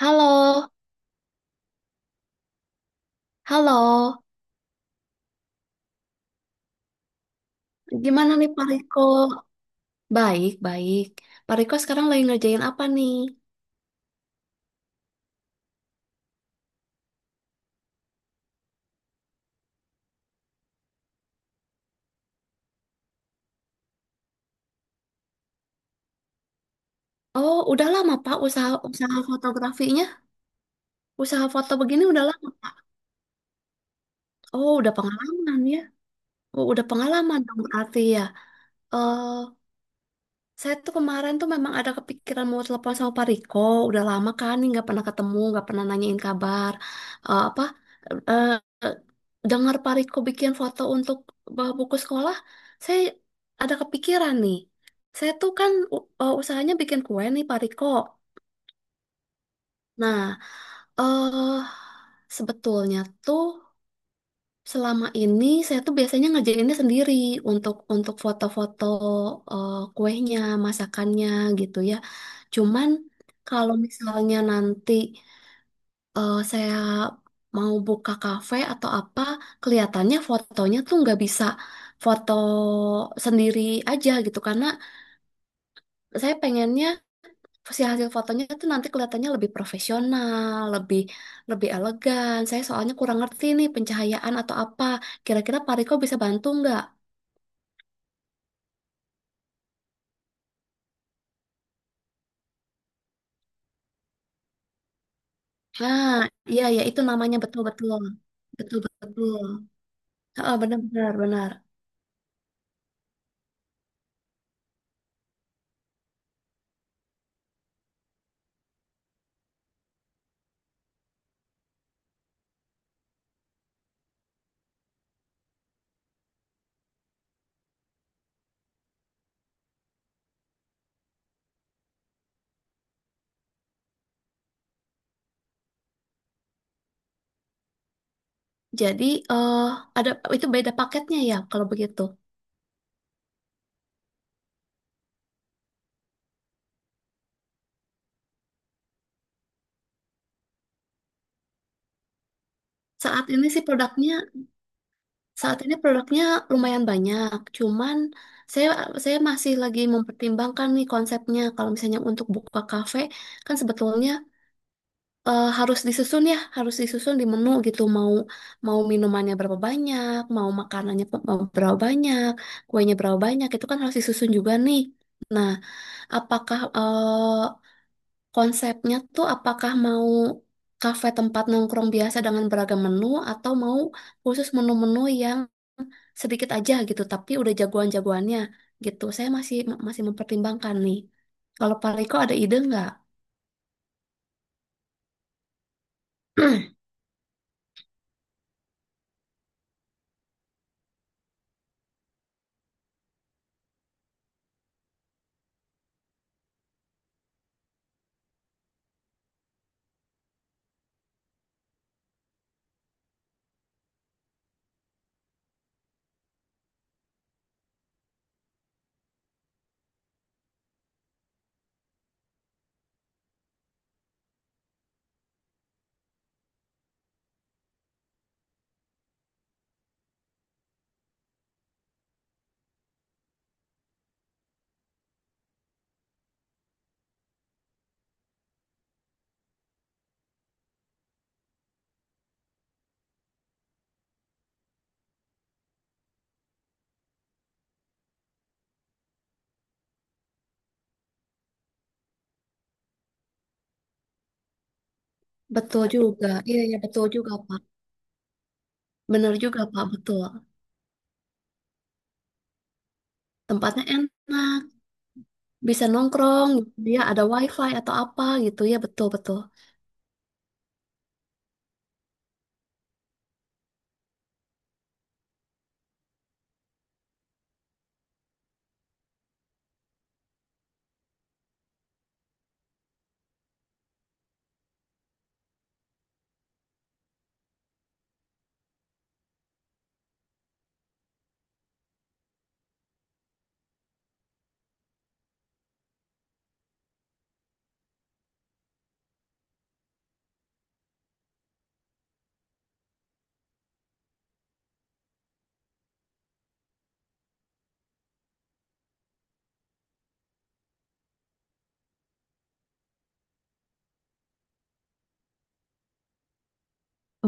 Halo, halo. Gimana nih Pak Riko? Baik, baik. Pak Riko sekarang lagi ngerjain apa nih? Oh, udah lama Pak usaha usaha fotografinya. Usaha foto begini udah lama. Oh, udah pengalaman ya. Oh, udah pengalaman dong berarti ya. Eh, Saya tuh kemarin tuh memang ada kepikiran mau telepon sama Pak Riko. Udah lama kan nih nggak pernah ketemu, nggak pernah nanyain kabar. Apa? eh eh, Dengar Pak Riko bikin foto untuk bawa buku sekolah, saya ada kepikiran nih. Saya tuh kan usahanya bikin kue nih Pak Riko. Nah, eh sebetulnya tuh. Selama ini saya tuh biasanya ngerjainnya sendiri untuk foto-foto kuehnya, masakannya gitu ya. Cuman kalau misalnya nanti saya mau buka kafe atau apa, kelihatannya fotonya tuh nggak bisa foto sendiri aja gitu karena saya pengennya si hasil fotonya itu nanti kelihatannya lebih profesional, lebih lebih elegan. Saya soalnya kurang ngerti nih pencahayaan atau apa. Kira-kira Pak Riko bisa bantu nggak? Nah, iya ya itu namanya betul-betul. Betul-betul. Heeh, benar-benar benar. Jadi eh ada itu beda paketnya ya kalau begitu. Saat ini sih produknya saat ini produknya lumayan banyak. Cuman saya saya masih lagi mempertimbangkan nih konsepnya. Kalau misalnya untuk buka kafe kan sebetulnya harus disusun ya, harus disusun di menu gitu. Mau mau minumannya berapa banyak, mau makanannya mau berapa banyak, kuenya berapa banyak, itu kan harus disusun juga nih. Nah, apakah konsepnya tuh apakah mau kafe tempat nongkrong biasa dengan beragam menu atau mau khusus menu-menu yang sedikit aja gitu, tapi udah jagoan-jagoannya gitu. Saya masih masih mempertimbangkan nih. Kalau Pak Riko ada ide nggak? Betul juga, iya iya betul juga Pak. Bener juga Pak, betul. Tempatnya enak, bisa nongkrong, dia ada wifi atau apa gitu ya, betul-betul.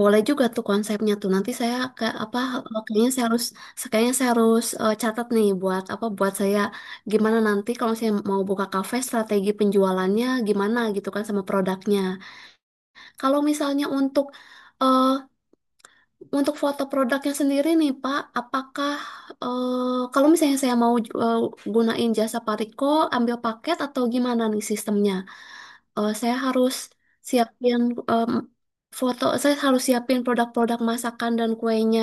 Boleh juga tuh konsepnya tuh. Nanti saya ke apa, oh, kayaknya saya harus catat nih buat apa buat saya gimana nanti kalau saya mau buka kafe strategi penjualannya gimana gitu kan sama produknya. Kalau misalnya untuk eh, Untuk foto produknya sendiri nih Pak, apakah kalau misalnya saya mau eh, gunain jasa Pariko, ambil paket atau gimana nih sistemnya? Eh, saya harus siapin em, saya harus siapin produk-produk masakan dan kuenya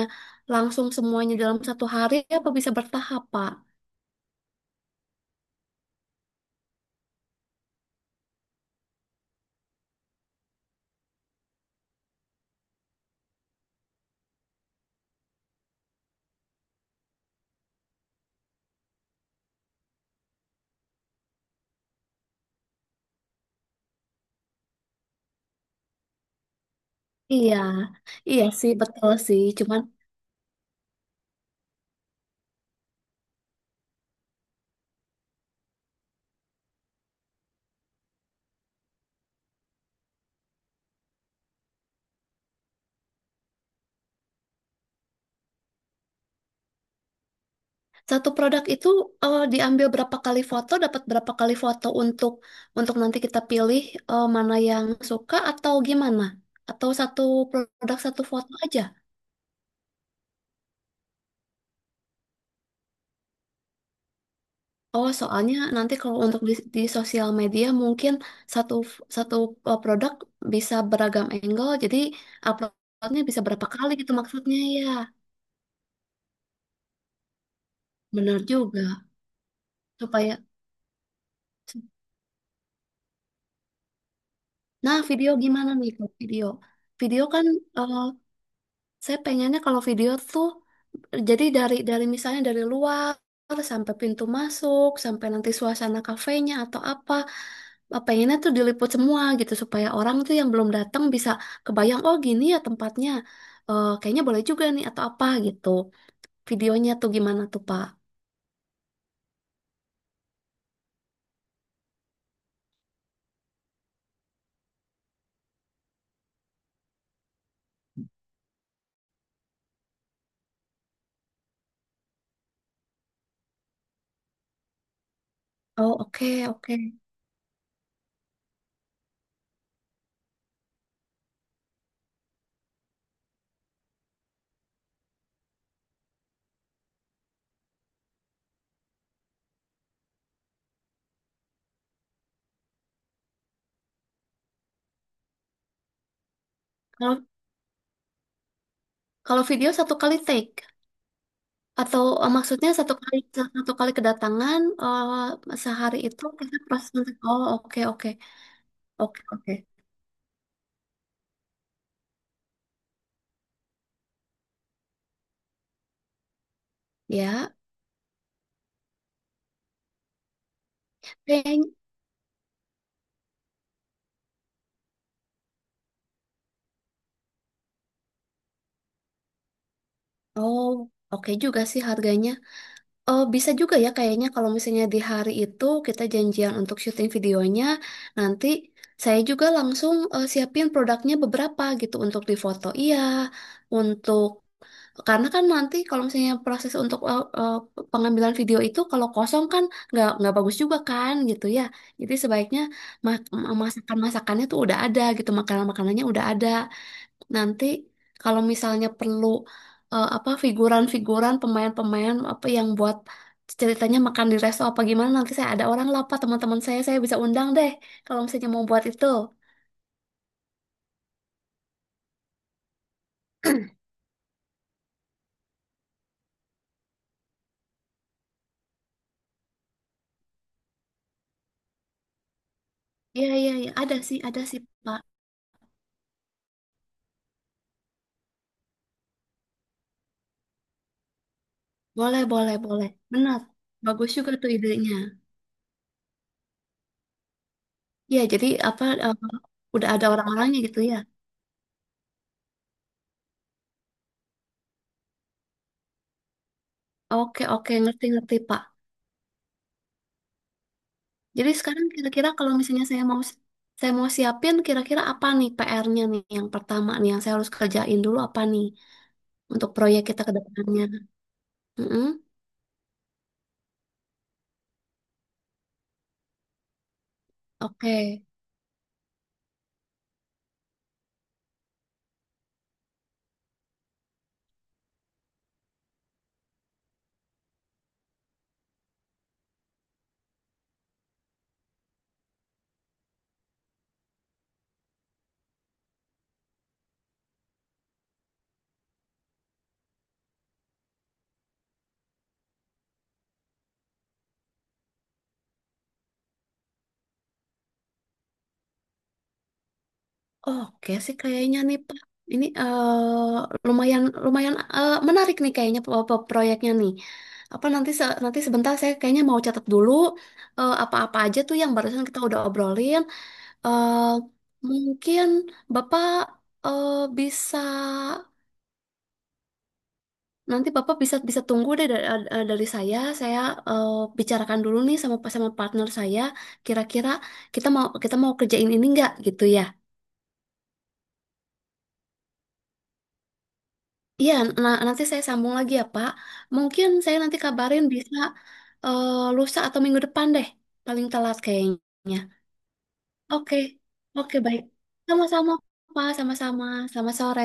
langsung semuanya dalam satu hari, apa bisa bertahap Pak? Iya, iya sih betul sih. Cuman satu produk itu diambil berapa kali foto, dapat berapa kali foto untuk nanti kita pilih mana yang suka atau gimana? Atau satu produk satu foto aja? Oh, soalnya nanti kalau untuk di sosial media mungkin satu satu produk bisa beragam angle, jadi uploadnya bisa berapa kali gitu maksudnya ya. Benar juga. Supaya Nah, video gimana nih Kak? Video? Video kan eh, Saya pengennya kalau video tuh jadi dari misalnya dari luar sampai pintu masuk, sampai nanti suasana kafenya atau apa, pengennya tuh diliput semua gitu supaya orang tuh yang belum datang bisa kebayang oh gini ya tempatnya. Kayaknya boleh juga nih atau apa gitu. Videonya tuh gimana tuh, Pak? Oh, oke, oke. Kalau kalau video satu kali take atau maksudnya satu kali kedatangan sehari itu kita proses. Oh, oke, oke. Oke, oke. Ya. Kayak, oh, oke juga sih harganya. Bisa juga ya kayaknya kalau misalnya di hari itu kita janjian untuk syuting videonya, nanti saya juga langsung siapin produknya beberapa gitu untuk difoto. Iya, untuk karena kan nanti kalau misalnya proses untuk pengambilan video itu kalau kosong kan nggak bagus juga kan gitu ya. Jadi sebaiknya masakan-masakannya tuh udah ada gitu, makanan-makanannya udah ada. Nanti kalau misalnya perlu apa figuran-figuran pemain-pemain apa yang buat ceritanya makan di resto apa gimana nanti saya ada orang lah Pak, teman-teman saya bisa undang deh kalau misalnya mau buat itu. Iya iya iya ada sih Pak. Boleh boleh boleh. Benar. Bagus juga tuh idenya. Iya jadi apa udah ada orang-orangnya gitu ya. Oke oke ngerti ngerti Pak. Jadi sekarang kira-kira kalau misalnya saya mau siapin kira-kira apa nih PR-nya nih yang pertama nih yang saya harus kerjain dulu apa nih untuk proyek kita ke depannya. Mm-mm. Oke. Oke sih kayaknya nih Pak. Ini lumayan lumayan menarik nih kayaknya proyeknya nih. Apa nanti sebentar saya kayaknya mau catat dulu apa-apa aja tuh yang barusan kita udah obrolin. Eh, Mungkin Bapak eh, bisa. Nanti Bapak bisa bisa tunggu deh dari saya. Saya eh, bicarakan dulu nih sama sama partner saya. Kira-kira kita mau kerjain ini nggak gitu ya? Iya. Nah nanti saya sambung lagi ya Pak. Mungkin saya nanti kabarin bisa lusa atau minggu depan deh. Paling telat kayaknya. Oke, oke baik. Sama-sama Pak. Sama-sama. Selamat sore.